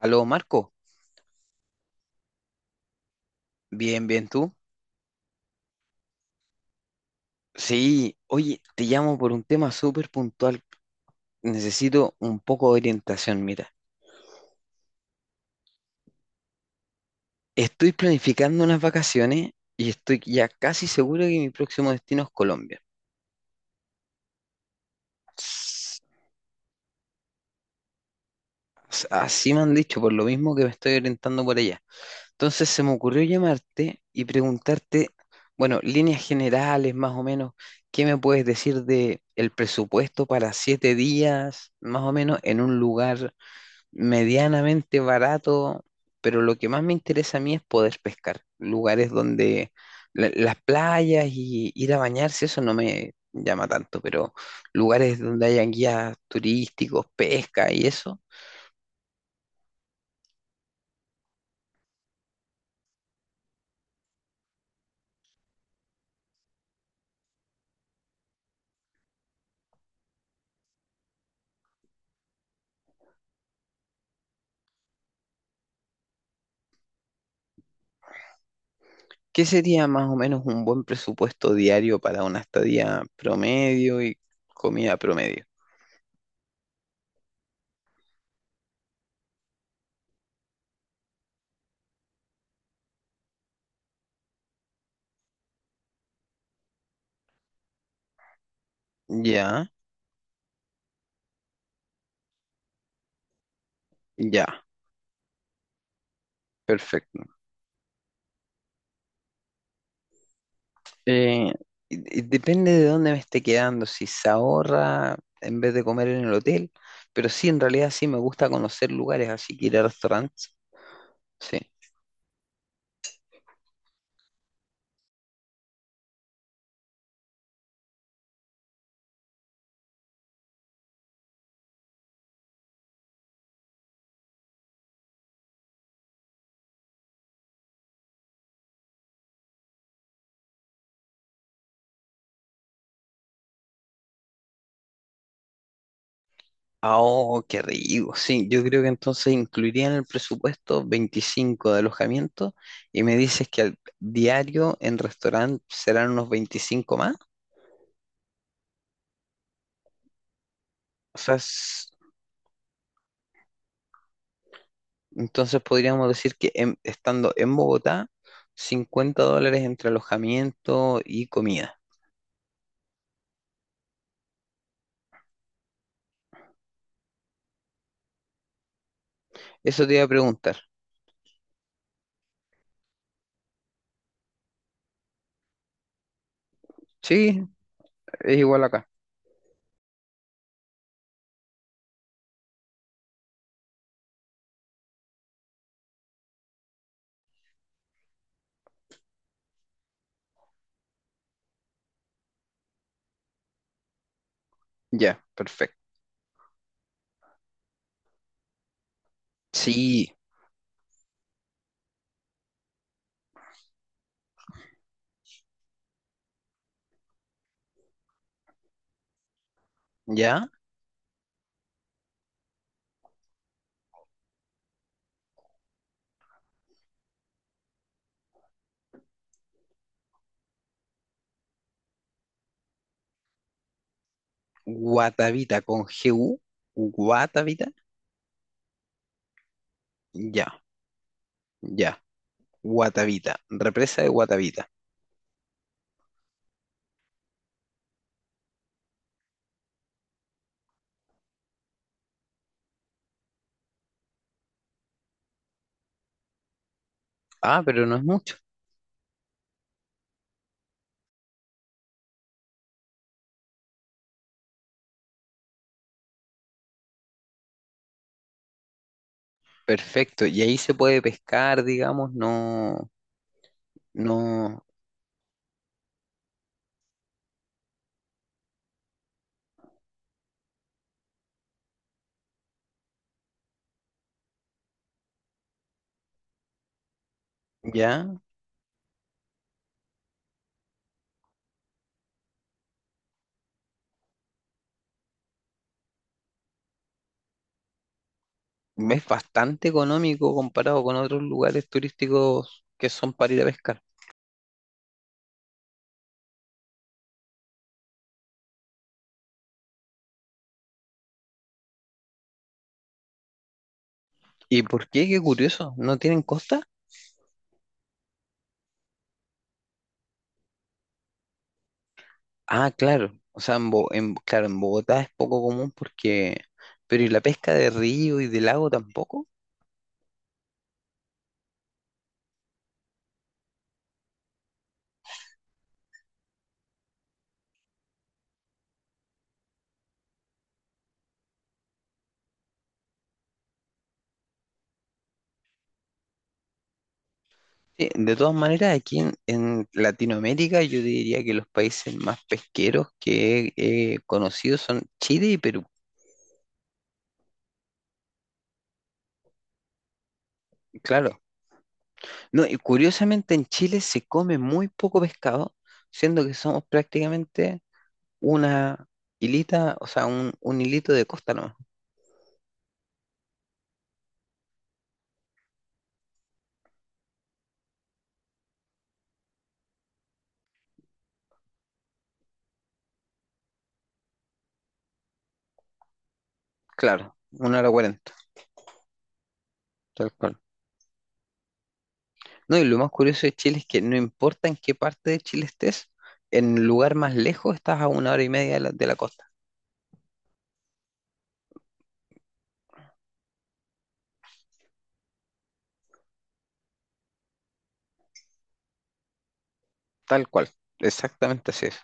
Aló, Marco. Bien, bien, ¿tú? Sí, oye, te llamo por un tema súper puntual. Necesito un poco de orientación, mira. Estoy planificando unas vacaciones y estoy ya casi seguro que mi próximo destino es Colombia. S- Así me han dicho, por lo mismo que me estoy orientando por allá. Entonces se me ocurrió llamarte y preguntarte, bueno, líneas generales más o menos, ¿qué me puedes decir de el presupuesto para 7 días, más o menos, en un lugar medianamente barato? Pero lo que más me interesa a mí es poder pescar. Lugares donde las playas y ir a bañarse, eso no me llama tanto, pero lugares donde hayan guías turísticos, pesca y eso. ¿Qué sería más o menos un buen presupuesto diario para una estadía promedio y comida promedio? Ya, ya, perfecto. Eh, y depende de dónde me esté quedando, si se ahorra en vez de comer en el hotel, pero sí, en realidad sí me gusta conocer lugares, así que ir a restaurantes, sí. Ah, oh, qué rico, sí, yo creo que entonces incluiría en el presupuesto 25 de alojamiento y me dices que al diario en restaurante serán unos 25 más, o sea, entonces podríamos decir que estando en Bogotá, $50 entre alojamiento y comida. Eso te iba a preguntar. Sí, es igual acá. Ya, perfecto. Sí, ya. Guatavita con GU. Guatavita. Ya, ya. Guatavita. Represa de Guatavita. Ah, pero no es mucho. Perfecto. Y ahí se puede pescar, digamos, no, no, ya. Es bastante económico comparado con otros lugares turísticos que son para ir a pescar. ¿Y por qué? Qué curioso. ¿No tienen costa? Ah, claro. O sea, claro, en Bogotá es poco común porque... Pero ¿y la pesca de río y de lago tampoco? Sí, de todas maneras, aquí en Latinoamérica yo diría que los países más pesqueros que he conocido son Chile y Perú. Claro. No, y curiosamente en Chile se come muy poco pescado, siendo que somos prácticamente una hilita, o sea, un hilito de costa nomás. Claro, una hora cuarenta, tal cual. No, y lo más curioso de Chile es que no importa en qué parte de Chile estés, en el lugar más lejos estás a una hora y media de la costa. Tal cual, exactamente así es.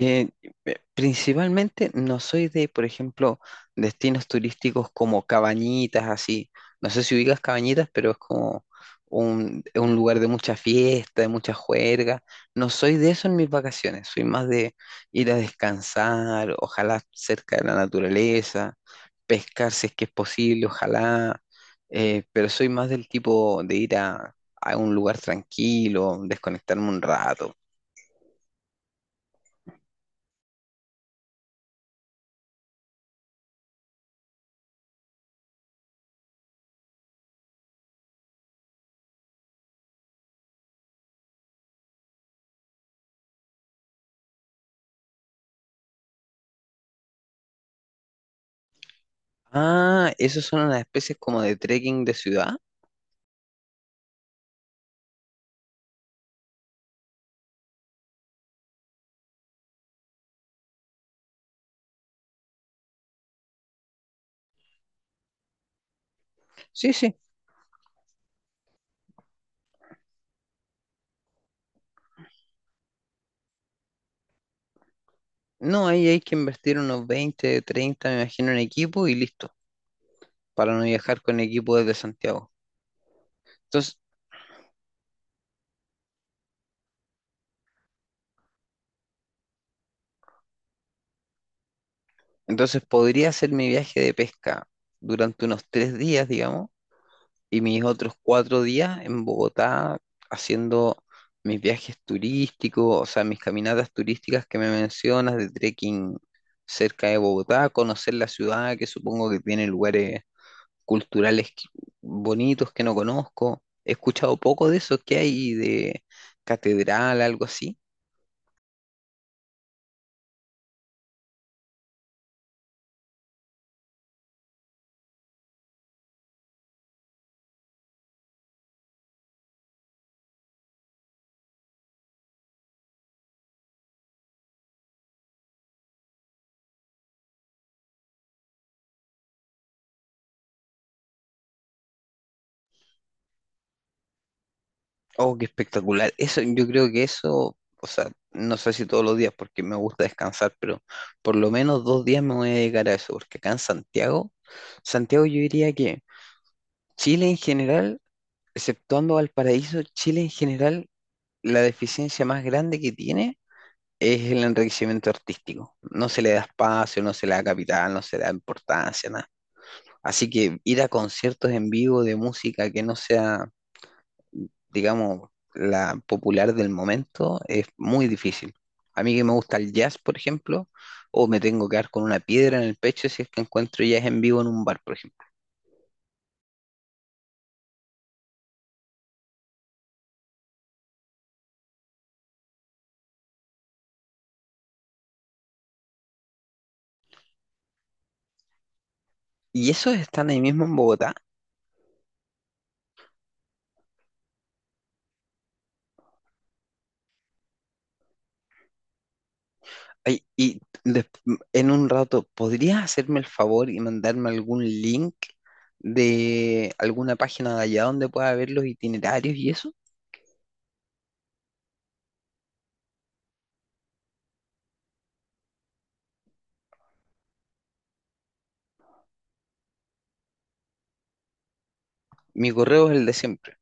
Eh, principalmente no soy de, por ejemplo, destinos turísticos como Cabañitas, así. No sé si ubicas Cabañitas, pero es como un lugar de mucha fiesta, de mucha juerga. No soy de eso en mis vacaciones, soy más de ir a descansar, ojalá cerca de la naturaleza, pescar si es que es posible, ojalá. Pero soy más del tipo de ir a un lugar tranquilo, desconectarme un rato. Ah, ¿esos son unas especies como de trekking de ciudad? Sí, sí. No, ahí hay que invertir unos 20, 30, me imagino, en equipo y listo, para no viajar con equipo desde Santiago. Entonces, entonces podría hacer mi viaje de pesca durante unos 3 días, digamos, y mis otros 4 días en Bogotá haciendo mis viajes turísticos, o sea, mis caminatas turísticas que me mencionas de trekking cerca de Bogotá, conocer la ciudad, que supongo que tiene lugares culturales bonitos que no conozco. He escuchado poco de eso que hay de catedral, algo así. Oh, qué espectacular. Eso, yo creo que eso, o sea, no sé si todos los días porque me gusta descansar, pero por lo menos 2 días me voy a dedicar a eso, porque acá en Santiago, Santiago yo diría que Chile en general, exceptuando Valparaíso, Chile en general, la deficiencia más grande que tiene es el enriquecimiento artístico. No se le da espacio, no se le da capital, no se le da importancia, nada. Así que ir a conciertos en vivo de música que no sea, digamos, la popular del momento es muy difícil. A mí que me gusta el jazz, por ejemplo, o me tengo que dar con una piedra en el pecho si es que encuentro jazz en vivo en un bar, por ejemplo. Y esos están ahí mismo en Bogotá. Ay, en un rato, ¿podrías hacerme el favor y mandarme algún link de alguna página de allá donde pueda ver los itinerarios y eso? Mi correo es el de siempre.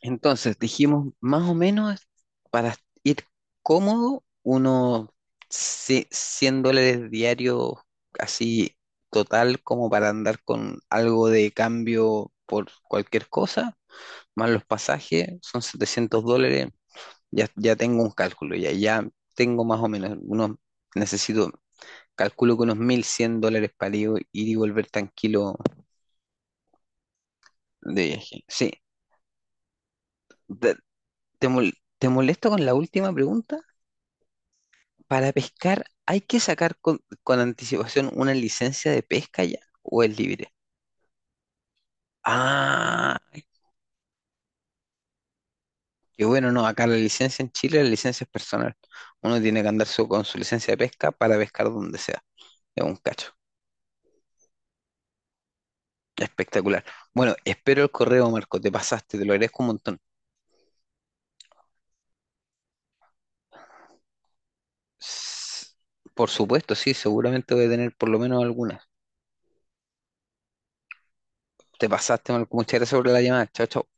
Entonces, dijimos más o menos para ir cómodo, unos $100 diarios, así total, como para andar con algo de cambio por cualquier cosa, más los pasajes, son $700. Ya, ya tengo un cálculo, ya, ya tengo más o menos, unos, necesito, calculo que unos $1,100 para ir y volver tranquilo de viaje. Sí, ¿te, te mol- te molesto con la última pregunta? Para pescar, ¿hay que sacar con anticipación una licencia de pesca ya o es libre? Ah, qué bueno, no, acá la licencia en Chile, la licencia es personal. Uno tiene que andar con su licencia de pesca para pescar donde sea. Es un cacho. Espectacular. Bueno, espero el correo, Marco, te pasaste, te lo agradezco un montón. S- Por supuesto, sí, seguramente voy a tener por lo menos algunas. Te pasaste, Marco, muchas gracias por la llamada. Chao, chao.